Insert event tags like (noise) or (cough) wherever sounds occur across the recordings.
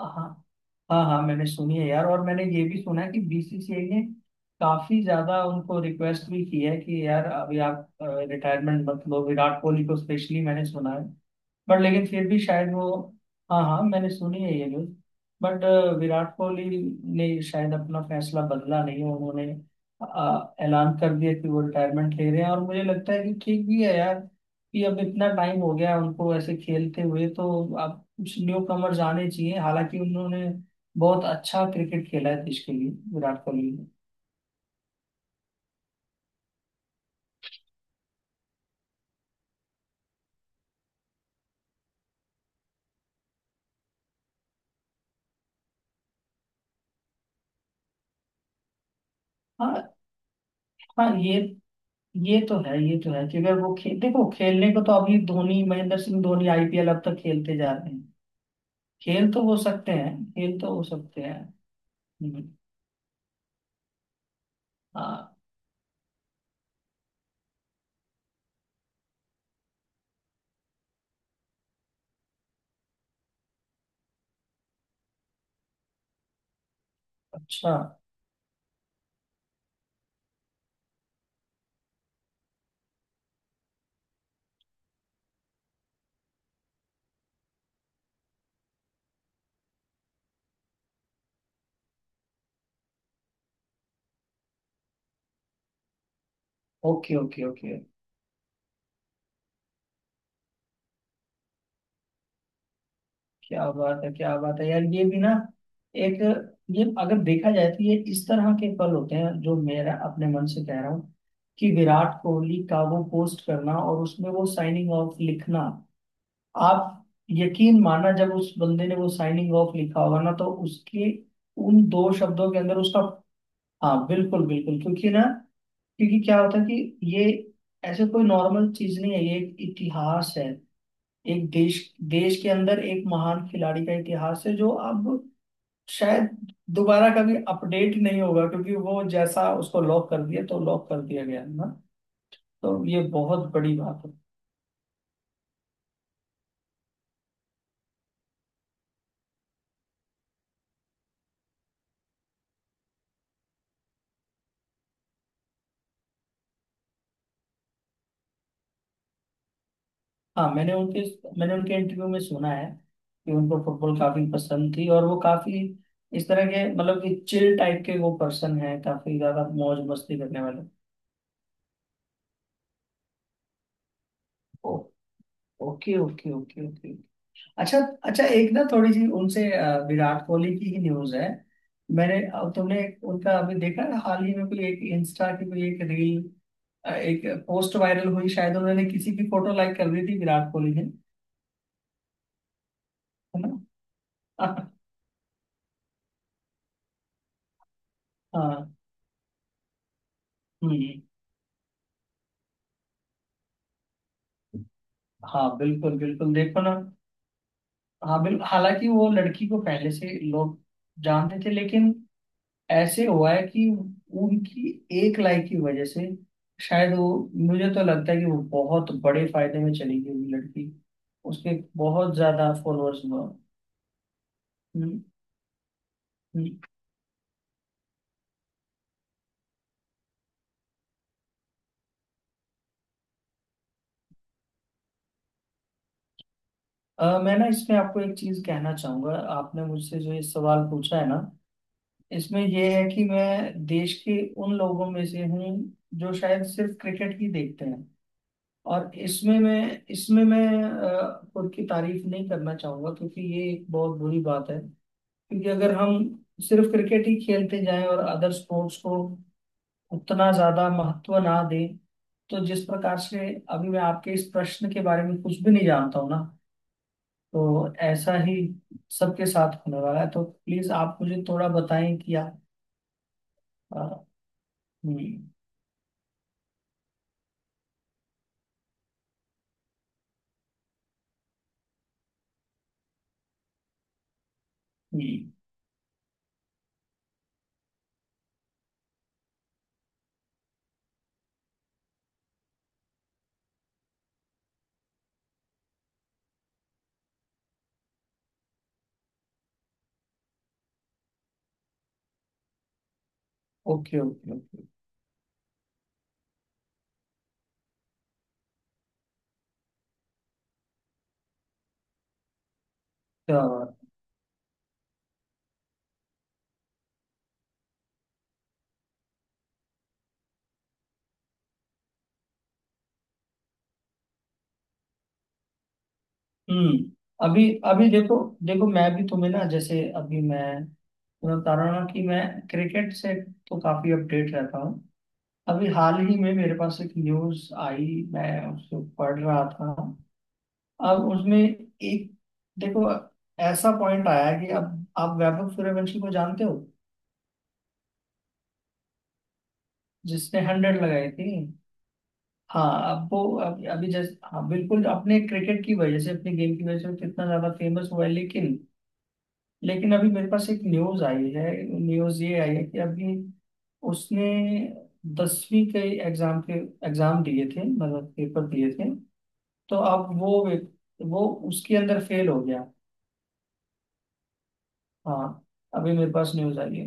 हाँ हाँ हाँ हाँ, मैंने सुनी है यार। और मैंने ये भी सुना है कि बीसीसीआई ने काफी ज्यादा उनको रिक्वेस्ट भी की है कि यार अभी आप रिटायरमेंट मत लो, विराट कोहली को स्पेशली मैंने सुना है। बट लेकिन फिर भी शायद वो हाँ हाँ, मैंने सुनी है ये न्यूज। बट विराट कोहली ने शायद अपना फैसला बदला नहीं है, उन्होंने ऐलान कर दिया कि वो रिटायरमेंट ले रहे हैं। और मुझे लगता है कि ठीक भी है यार, कि अब इतना टाइम हो गया उनको ऐसे खेलते हुए। तो अब कुछ न्यू कमर्स आने चाहिए, हालांकि उन्होंने बहुत अच्छा क्रिकेट खेला है देश के लिए, विराट कोहली ने। हाँ हाँ, ये तो है, ये तो है कि अगर वो देखो, खेलने को तो अभी धोनी, महेंद्र सिंह धोनी आईपीएल अब तक खेलते जा रहे हैं। खेल तो हो सकते हैं, खेल तो हो सकते हैं। हम्म, हाँ अच्छा। Okay okay okay. क्या बात है, क्या बात है यार, ये भी ना। एक, ये अगर देखा जाए तो ये इस तरह के पल होते हैं, जो मेरा अपने मन से कह रहा हूँ कि विराट कोहली का वो पोस्ट करना और उसमें वो साइनिंग ऑफ लिखना। आप यकीन माना, जब उस बंदे ने वो साइनिंग ऑफ लिखा होगा ना, तो उसके उन दो शब्दों के अंदर उसका। हाँ बिल्कुल बिल्कुल, क्योंकि ना, क्योंकि क्या होता है कि ये ऐसे कोई नॉर्मल चीज नहीं है, ये एक इतिहास है। एक देश, देश के अंदर एक महान खिलाड़ी का इतिहास है, जो अब शायद दोबारा कभी अपडेट नहीं होगा, क्योंकि वो जैसा उसको लॉक कर दिया तो लॉक कर दिया गया ना। तो ये बहुत बड़ी बात है। हाँ मैंने उनके इंटरव्यू में सुना है कि उनको फुटबॉल काफी पसंद थी। और वो काफी इस तरह के, मतलब कि चिल टाइप के वो पर्सन है, काफी ज्यादा मौज मस्ती करने वाले। ओ- ओके ओके ओके ओके। अच्छा। अच्छा, एक ना थोड़ी सी उनसे विराट कोहली की ही न्यूज है। मैंने, अब तुमने उनका अभी देखा है हाल ही में, कोई एक इंस्टा की कोई एक रील, एक पोस्ट वायरल हुई? शायद उन्होंने किसी की फोटो लाइक कर दी थी विराट कोहली ने, है ना? (laughs) हाँ। हम्म। हाँ बिल्कुल बिल्कुल, देखो ना। हाँ बिल्कुल, हालांकि वो लड़की को पहले से लोग जानते थे, लेकिन ऐसे हुआ है कि उनकी एक लाइक की वजह से शायद वो, मुझे तो लगता है कि वो बहुत बड़े फायदे में चली गई वो लड़की, उसके बहुत ज्यादा फॉलोअर्स हुआ। हम्म, हम्म। मैं ना इसमें आपको एक चीज कहना चाहूंगा। आपने मुझसे जो ये सवाल पूछा है ना, इसमें ये है कि मैं देश के उन लोगों में से हूँ जो शायद सिर्फ क्रिकेट ही देखते हैं। और इसमें मैं खुद की तारीफ नहीं करना चाहूंगा, क्योंकि ये एक बहुत बुरी बात है। क्योंकि अगर हम सिर्फ क्रिकेट ही खेलते जाएं और अदर स्पोर्ट्स को उतना ज्यादा महत्व ना दें, तो जिस प्रकार से अभी मैं आपके इस प्रश्न के बारे में कुछ भी नहीं जानता हूं ना, तो ऐसा ही सबके साथ होने वाला है। तो प्लीज आप मुझे थोड़ा बताएं कि आप। अ, हम्म। हम्म। Okay okay okay. क्या बात। हम्म। अभी, अभी देखो, देखो मैं भी तुम्हें ना, जैसे अभी मैं तुम्हें बता रहा हूं ना कि मैं क्रिकेट से तो काफी अपडेट रहता हूँ। अभी हाल ही में मेरे पास एक न्यूज आई, मैं उसको पढ़ रहा था। अब उसमें एक, देखो, ऐसा पॉइंट आया कि अब आप वैभव सूर्यवंशी को जानते हो, जिसने 100 लगाई थी? हाँ, अब वो अभी जैसे, हाँ बिल्कुल, अपने क्रिकेट की वजह से अपने गेम की वजह से वो कितना ज्यादा फेमस हुआ है। लेकिन, लेकिन अभी मेरे पास एक न्यूज आई है। न्यूज ये आई है कि अभी उसने 10वीं के एग्जाम के एग्जाम दिए थे, मतलब पेपर दिए थे। तो अब वो उसके अंदर फेल हो गया। हाँ, अभी मेरे पास न्यूज आई है।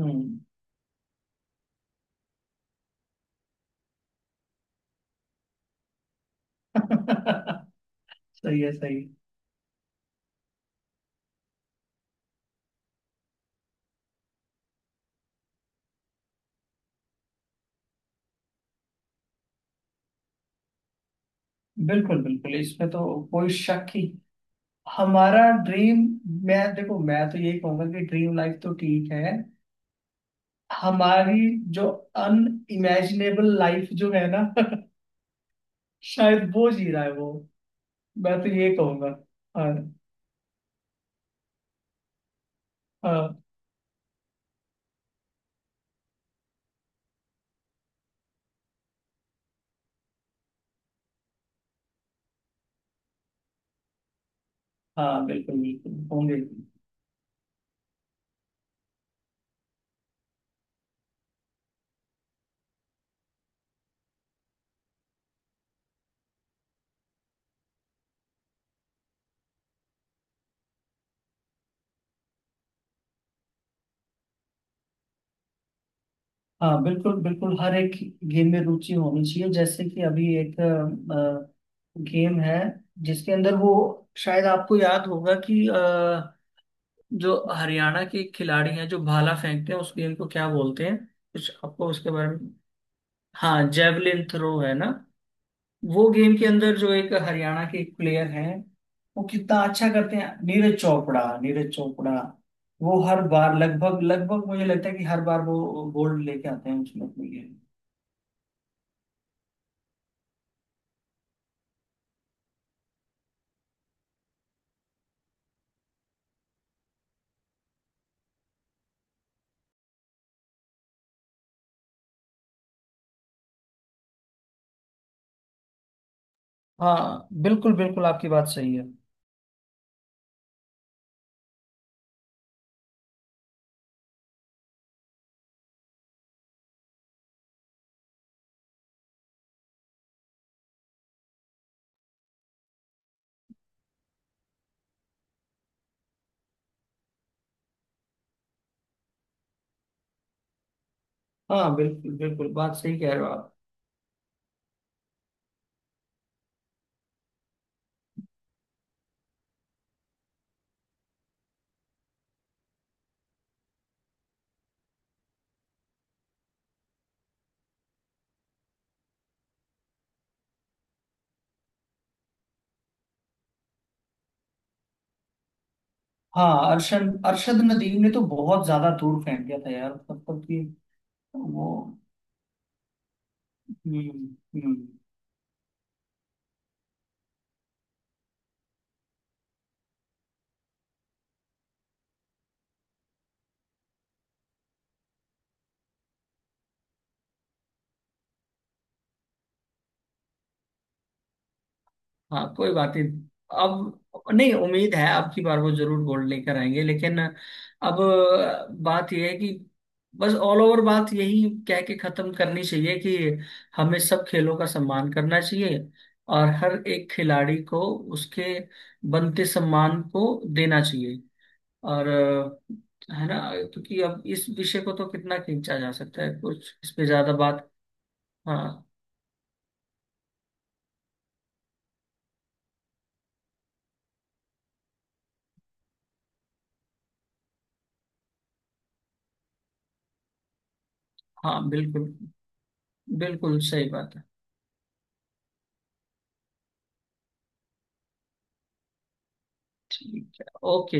हम्म। (laughs) सही है, सही है। बिल्कुल बिल्कुल, इसमें तो कोई शक ही। हमारा ड्रीम, मैं देखो मैं तो यही कहूंगा कि ड्रीम लाइफ तो ठीक है, हमारी जो अनइमेजिनेबल लाइफ जो है ना, (laughs) शायद वो जी रहा है वो। मैं तो ये कहूंगा। हाँ। हाँ, हाँ बिल्कुल बिल्कुल होंगे। हाँ बिल्कुल बिल्कुल, हर एक गेम में रुचि होनी चाहिए। जैसे कि अभी एक गेम है, जिसके अंदर वो, शायद आपको याद होगा कि जो हरियाणा के खिलाड़ी हैं जो भाला फेंकते हैं, उस गेम को क्या बोलते हैं? कुछ आपको उसके बारे में? हाँ जेवलिन थ्रो है ना। वो गेम के अंदर जो एक हरियाणा के एक प्लेयर हैं, वो कितना अच्छा करते हैं, नीरज चोपड़ा, नीरज चोपड़ा। वो हर बार, लगभग लगभग मुझे लगता है कि हर बार वो गोल्ड लेके आते हैं उसमें अपने लिए। हाँ बिल्कुल बिल्कुल, आपकी बात सही है। हाँ बिल्कुल बिल्कुल, बात सही कह रहे हो आप। हाँ, अरशद अरशद नदीम ने तो बहुत ज्यादा दूर फेंक दिया था यार, मतलब कि वो। हम्म। हम्म। हाँ कोई बात नहीं, अब नहीं, उम्मीद है अब की बार वो जरूर गोल्ड लेकर आएंगे। लेकिन अब बात यह है कि बस ऑल ओवर बात यही कह के खत्म करनी चाहिए कि हमें सब खेलों का सम्मान करना चाहिए। और हर एक खिलाड़ी को उसके बनते सम्मान को देना चाहिए। और है ना, क्योंकि अब इस विषय को तो कितना खींचा जा सकता है, कुछ इस पे ज्यादा बात। हाँ। हाँ बिल्कुल बिल्कुल, सही बात है। ठीक है। ओके।